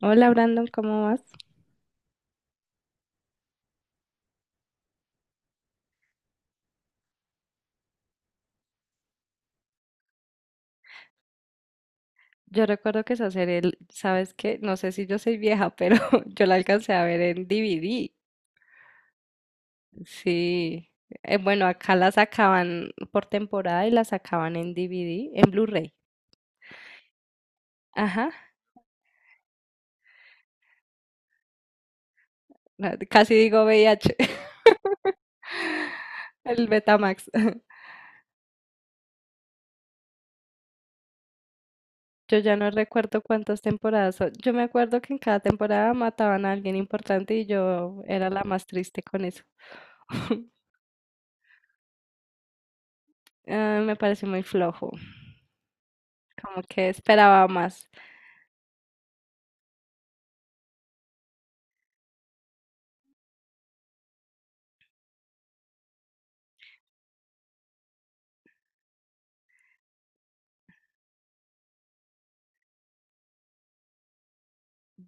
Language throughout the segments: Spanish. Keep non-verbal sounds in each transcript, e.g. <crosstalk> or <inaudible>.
Hola Brandon, ¿cómo vas? Yo recuerdo que esa serie, ¿sabes qué? No sé si yo soy vieja, pero <laughs> yo la alcancé a ver en DVD. Sí. Bueno, acá la sacaban por temporada y la sacaban en DVD, en Blu-ray. Ajá. Casi digo VIH. <laughs> El Betamax. <laughs> Yo ya no recuerdo cuántas temporadas son. Yo me acuerdo que en cada temporada mataban a alguien importante y yo era la más triste con eso. <laughs> Ah, me parece muy flojo. Como que esperaba más.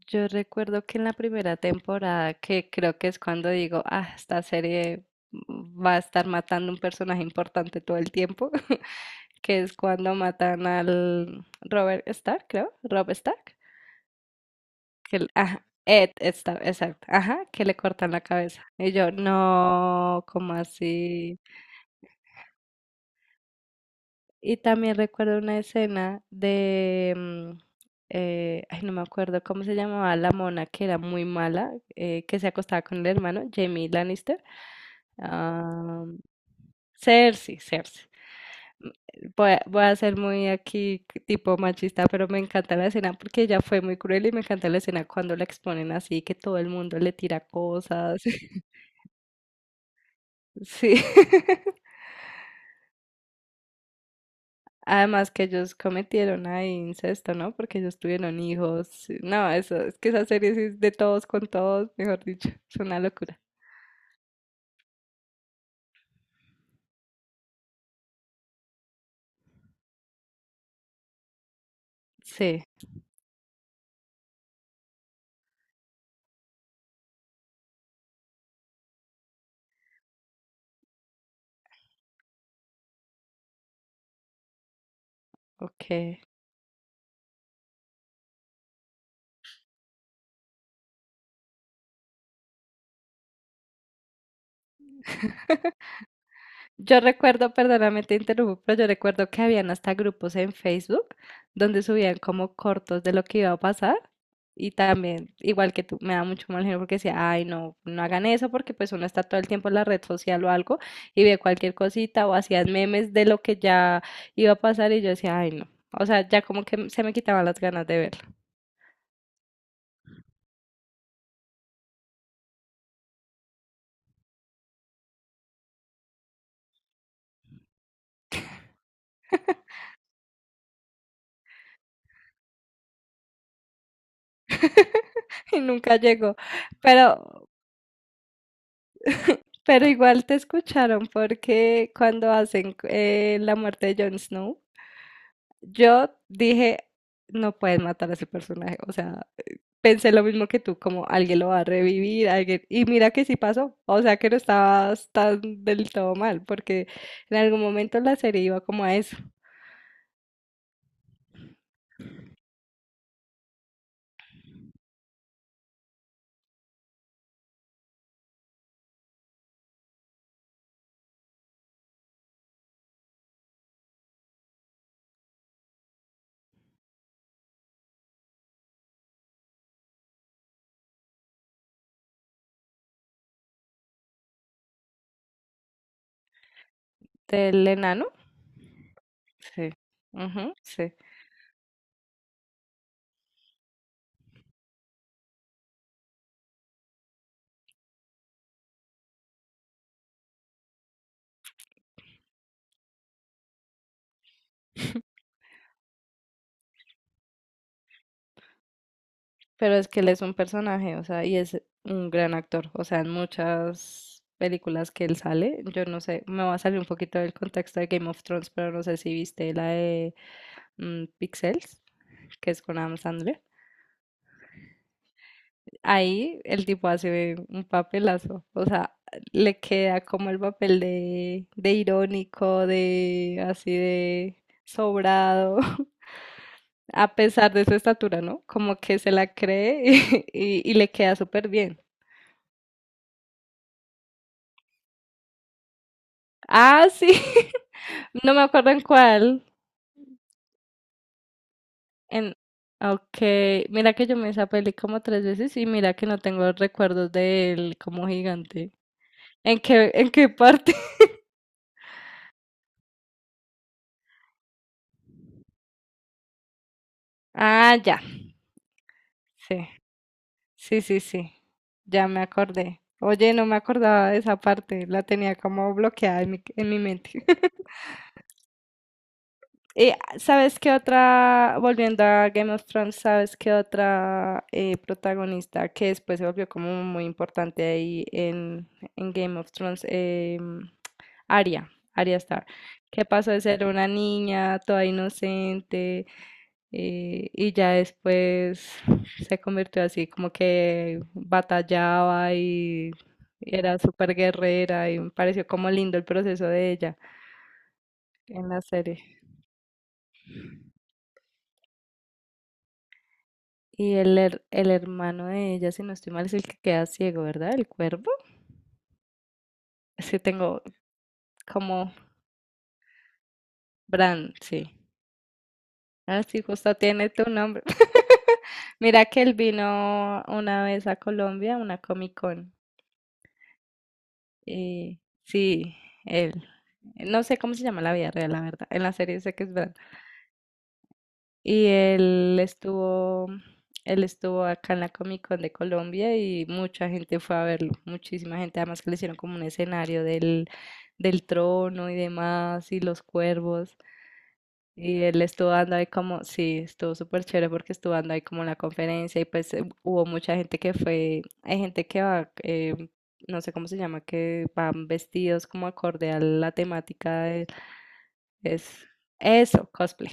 Yo recuerdo que en la primera temporada, que creo que es cuando digo, ah, esta serie va a estar matando un personaje importante todo el tiempo, <laughs> que es cuando matan al Robert Stark, creo, Rob Stark, que, ajá, Ed Stark, exacto, ajá, que le cortan la cabeza. Y yo, no, como así? Y también recuerdo una escena de, ay, no me acuerdo cómo se llamaba la mona que era muy mala, que se acostaba con el hermano, Jamie Lannister. Ah, Cersei, Cersei. M- voy a ser muy aquí tipo machista, pero me encanta la escena porque ella fue muy cruel y me encanta la escena cuando la exponen así, que todo el mundo le tira cosas. <laughs> Sí. <laughs> Además que ellos cometieron ahí incesto, ¿no? Porque ellos tuvieron hijos. No, eso, es que esa serie sí es de todos con todos, mejor dicho, es una locura. Sí, ok. Yo recuerdo, perdóname, te interrumpo, pero yo recuerdo que habían hasta grupos en Facebook donde subían como cortos de lo que iba a pasar y también, igual que tú, me da mucho mal genio porque decía, ay, no, no hagan eso porque pues uno está todo el tiempo en la red social o algo y ve cualquier cosita o hacían memes de lo que ya iba a pasar y yo decía, ay, no. O sea, ya como que se me quitaban las ganas de verlo <laughs> y nunca llegó. Pero <laughs> pero igual te escucharon porque cuando hacen la muerte de Jon Snow, yo dije, no pueden matar a ese personaje. O sea, pensé lo mismo que tú, como alguien lo va a revivir, alguien... Y mira que sí pasó. O sea, que no estabas tan del todo mal, porque en algún momento la serie iba como a eso, del enano. Sí. Ujú, sí. Pero es que él es un personaje, o sea, y es un gran actor. O sea, en muchas películas que él sale, yo no sé, me va a salir un poquito del contexto de Game of Thrones, pero no sé si viste la de Pixels, que es con Adam Sandler. Ahí el tipo hace un papelazo, o sea, le queda como el papel de irónico, de así de sobrado. <laughs> A pesar de su estatura, ¿no? Como que se la cree <laughs> y le queda súper bien. Ah, sí. <laughs> No me acuerdo en cuál. En... Ok. Mira que yo me esa peli como tres veces y mira que no tengo recuerdos de él como gigante. ¿En qué parte? <laughs> Ah, ya. Sí. Sí. Ya me acordé. Oye, no me acordaba de esa parte. La tenía como bloqueada en mi mente. ¿Sabes qué otra, volviendo a Game of Thrones, ¿sabes qué otra protagonista que después se volvió como muy importante ahí en Game of Thrones? Arya, Arya Stark, que pasó de ser una niña toda inocente y ya después se convirtió así como que batallaba y era súper guerrera y me pareció como lindo el proceso de ella en la serie. Y el hermano de ella, si no estoy mal, es el que queda ciego, ¿verdad? El cuervo. Es que tengo como Bran, sí. Ah, sí, justo tiene tu nombre. <laughs> Mira que él vino una vez a Colombia, a una Comic Con. Y sí, él. No sé cómo se llama en la vida real, la verdad. En la serie sé que es Bran. Y él estuvo, él estuvo acá en la Comic Con de Colombia y mucha gente fue a verlo, muchísima gente, además que le hicieron como un escenario del, del trono y demás, y los cuervos. Y él estuvo dando ahí como, sí, estuvo súper chévere porque estuvo dando ahí como la conferencia y pues hubo mucha gente que fue, hay gente que va, no sé cómo se llama, que van vestidos como acorde a la temática, es eso, cosplay.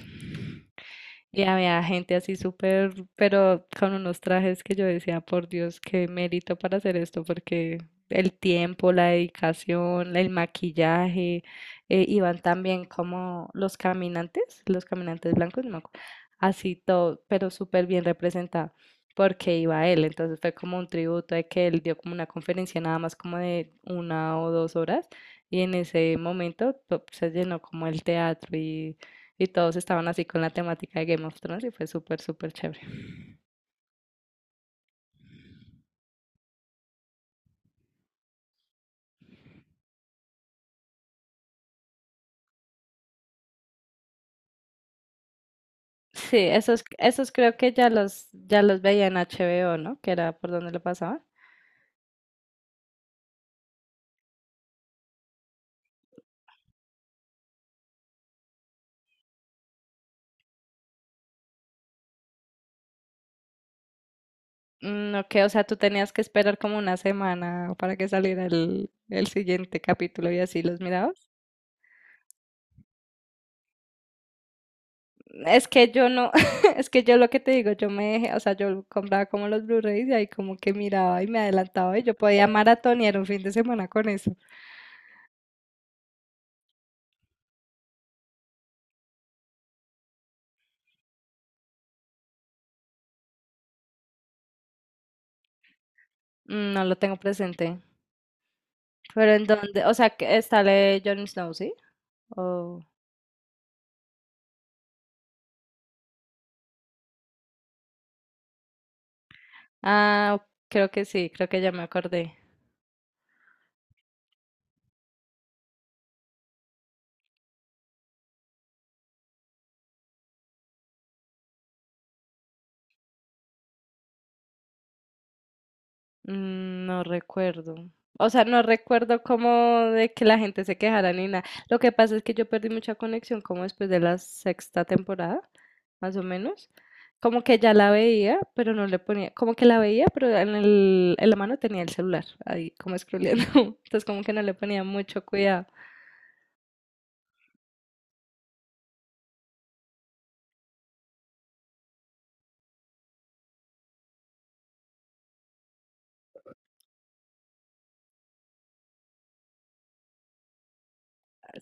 Y había gente así súper, pero con unos trajes que yo decía, por Dios, qué mérito para hacer esto, porque el tiempo, la dedicación, el maquillaje, iban también como los caminantes blancos, no, así todo, pero súper bien representado, porque iba él, entonces fue como un tributo de que él dio como una conferencia nada más como de una o dos horas, y en ese momento se llenó como el teatro y todos estaban así con la temática de Game of Thrones y fue súper, súper chévere. Sí, esos, esos creo que ya los veía en HBO, ¿no? Que era por donde lo pasaba. Mm, ok, o sea, tú tenías que esperar como una semana para que saliera el siguiente capítulo y así los mirabas. Es que yo no, <laughs> es que yo lo que te digo, yo me dejé, o sea, yo compraba como los Blu-rays y ahí como que miraba y me adelantaba y yo podía maratonear un fin de semana con eso. Mm, no lo tengo presente. Pero en dónde, o sea, que está la de Jon Snow, ¿sí? Oh. Ah, creo que sí, creo que ya me acordé. Mm, no recuerdo. O sea, no recuerdo cómo de que la gente se quejara ni nada. Lo que pasa es que yo perdí mucha conexión como después de la sexta temporada, más o menos. Como que ya la veía, pero no le ponía, como que la veía, pero en el, en la mano tenía el celular ahí como scrolleando. <laughs> Entonces como que no le ponía mucho cuidado.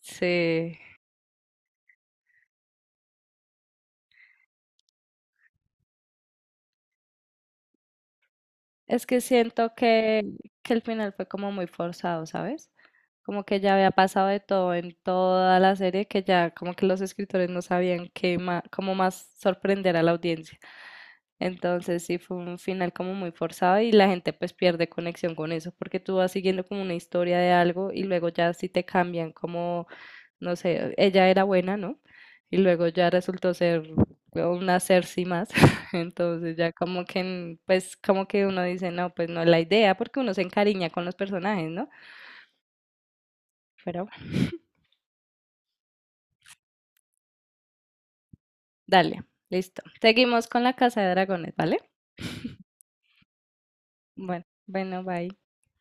Sí. Es que siento que el final fue como muy forzado, ¿sabes? Como que ya había pasado de todo en toda la serie, que ya como que los escritores no sabían qué cómo más sorprender a la audiencia. Entonces sí fue un final como muy forzado y la gente pues pierde conexión con eso, porque tú vas siguiendo como una historia de algo y luego ya sí te cambian como, no sé, ella era buena, ¿no? Y luego ya resultó ser una Cersei más. <laughs> Entonces ya como que, pues como que uno dice, no, pues no es la idea, porque uno se encariña con los personajes, ¿no? pero Dale, listo. Seguimos con la casa de dragones, ¿vale? Bueno, bueno, bye.